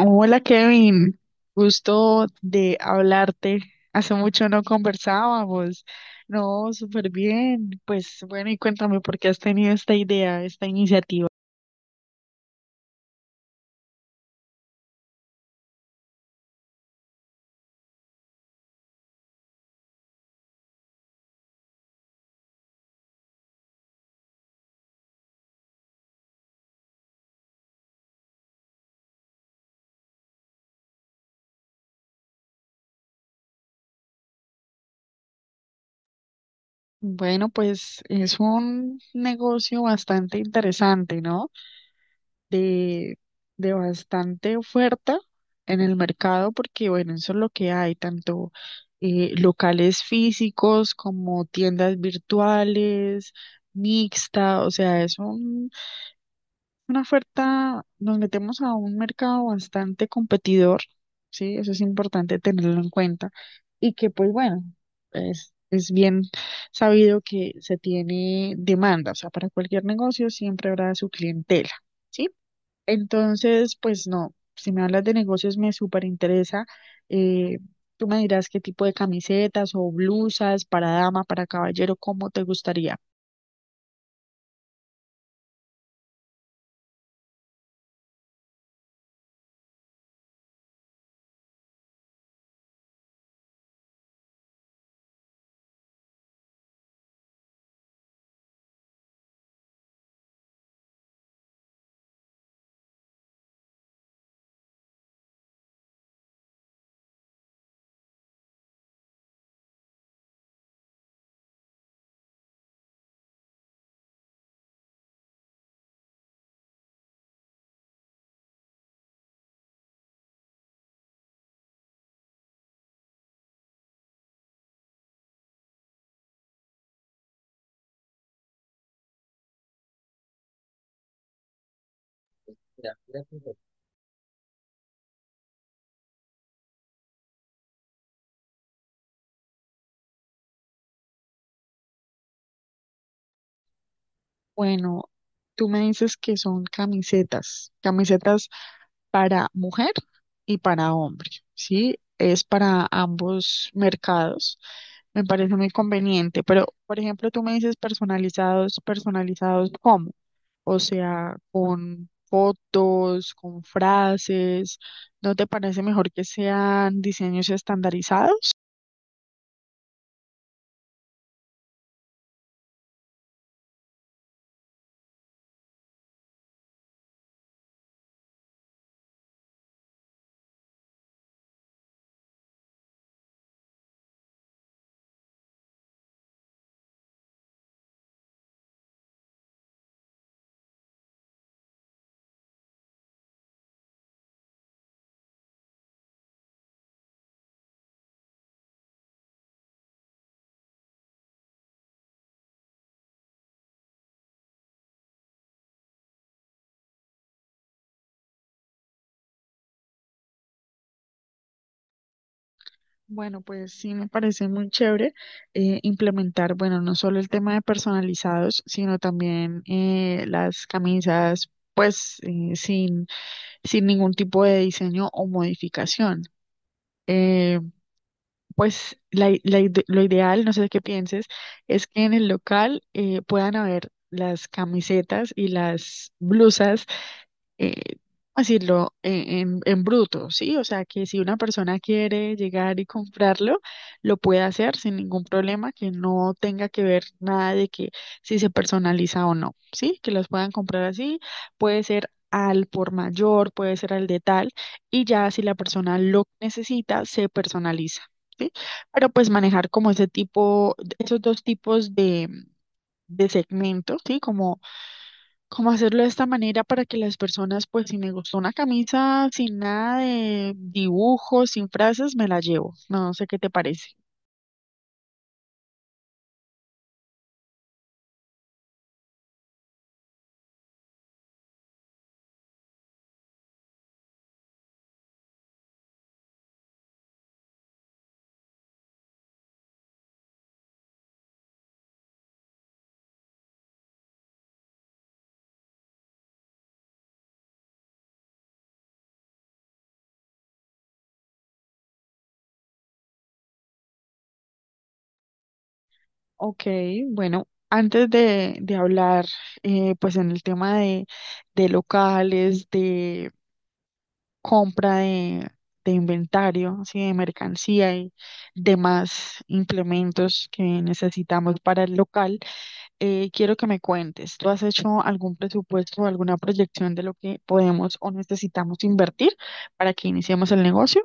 Hola Kevin, gusto de hablarte. Hace mucho no conversábamos. No, súper bien. Pues bueno, y cuéntame por qué has tenido esta idea, esta iniciativa. Bueno, pues es un negocio bastante interesante, ¿no? De, de bastante oferta en el mercado, porque bueno, eso es lo que hay, tanto locales físicos como tiendas virtuales, mixta, o sea, es un una oferta, nos metemos a un mercado bastante competidor, ¿sí? Eso es importante tenerlo en cuenta. Y que, pues bueno, es bien sabido que se tiene demanda, o sea, para cualquier negocio siempre habrá su clientela, ¿sí? Entonces, pues no, si me hablas de negocios me súper interesa. Eh, Tú me dirás qué tipo de camisetas o blusas para dama, para caballero, cómo te gustaría. Bueno, tú me dices que son camisetas para mujer y para hombre, ¿sí? Es para ambos mercados. Me parece muy conveniente, pero por ejemplo, tú me dices personalizados, ¿personalizados cómo? O sea, con fotos, con frases, ¿no te parece mejor que sean diseños estandarizados? Bueno, pues sí me parece muy chévere implementar, bueno, no solo el tema de personalizados, sino también las camisas, pues sin ningún tipo de diseño o modificación. Eh, pues la i- la ide- lo ideal, no sé qué pienses, es que en el local puedan haber las camisetas y las blusas eh, decirlo, en bruto, ¿sí? O sea, que si una persona quiere llegar y comprarlo, lo puede hacer sin ningún problema, que no tenga que ver nada de que si se personaliza o no, ¿sí? Que los puedan comprar así, puede ser al por mayor, puede ser al de tal, y ya si la persona lo necesita, se personaliza. ¿Sí? Pero pues manejar como ese tipo, esos dos tipos de segmentos, ¿sí? Como hacerlo de esta manera para que las personas, pues si me gustó una camisa sin nada de dibujos, sin frases, me la llevo. No sé qué te parece. Ok, bueno, antes de hablar, pues en el tema de locales, de compra de inventario, así de mercancía y demás implementos que necesitamos para el local. Quiero que me cuentes, ¿tú has hecho algún presupuesto o alguna proyección de lo que podemos o necesitamos invertir para que iniciemos el negocio?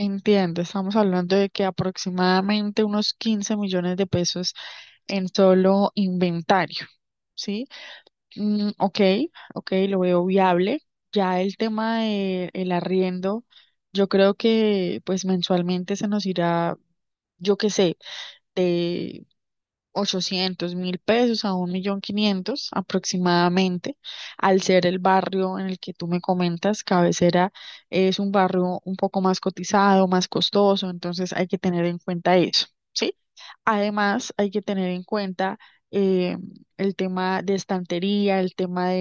Entiendo, estamos hablando de que aproximadamente unos 15 millones de pesos en solo inventario, ¿sí? Mm, ok, ok, lo veo viable. Ya el tema de el arriendo, yo creo que pues mensualmente se nos irá, yo qué sé, 800.000 pesos a 1.500.000 aproximadamente, al ser el barrio en el que tú me comentas, Cabecera es un barrio un poco más cotizado, más costoso, entonces hay que tener en cuenta eso, ¿sí? Además, hay que tener en cuenta eh, el tema de estantería, el tema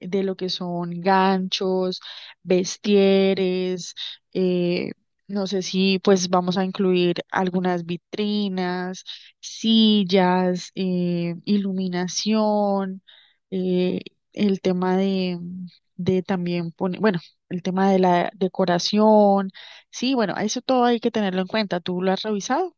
de lo que son ganchos, vestieres, eh, no sé si pues vamos a incluir algunas vitrinas, sillas, iluminación, eh, el tema de también poner, bueno, el tema de la decoración, sí, bueno, eso todo hay que tenerlo en cuenta. ¿Tú lo has revisado?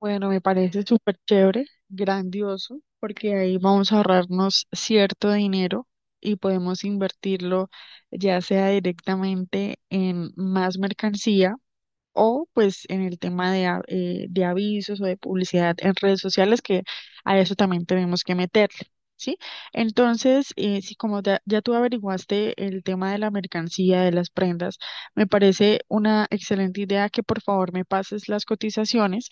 Bueno, me parece súper chévere, grandioso, porque ahí vamos a ahorrarnos cierto dinero y podemos invertirlo ya sea directamente en más mercancía o pues en el tema de avisos o de publicidad en redes sociales, que a eso también tenemos que meterle, ¿sí? Entonces, si como ya tú averiguaste el tema de la mercancía, de las prendas, me parece una excelente idea que por favor me pases las cotizaciones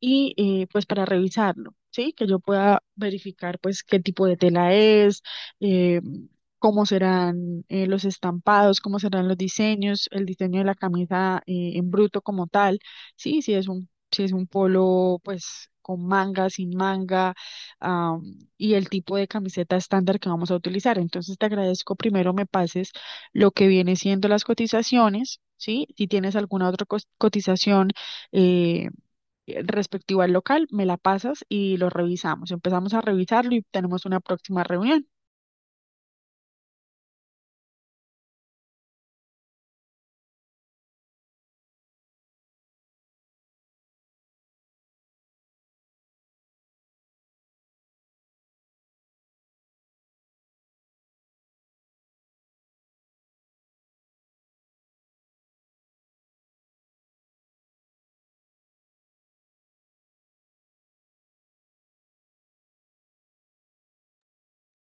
y pues para revisarlo. Sí, que yo pueda verificar pues qué tipo de tela es, eh, cómo serán los estampados, cómo serán los diseños, el diseño de la camisa en bruto como tal. Sí, si es un polo, pues con manga, sin manga, am, y el tipo de camiseta estándar que vamos a utilizar. Entonces te agradezco primero me pases lo que viene siendo las cotizaciones, ¿sí? Si tienes alguna otra cotización eh, respectiva al local, me la pasas y lo revisamos. Empezamos a revisarlo y tenemos una próxima reunión.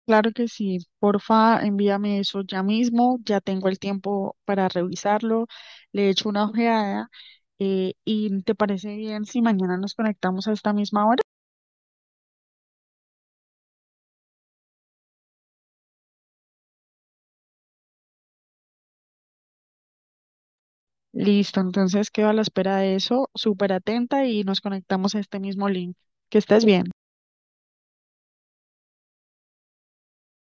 Claro que sí, porfa, envíame eso ya mismo, ya tengo el tiempo para revisarlo, le echo una ojeada y ¿te parece bien si mañana nos conectamos a esta misma hora? Listo, entonces quedo a la espera de eso, súper atenta y nos conectamos a este mismo link. Que estés bien.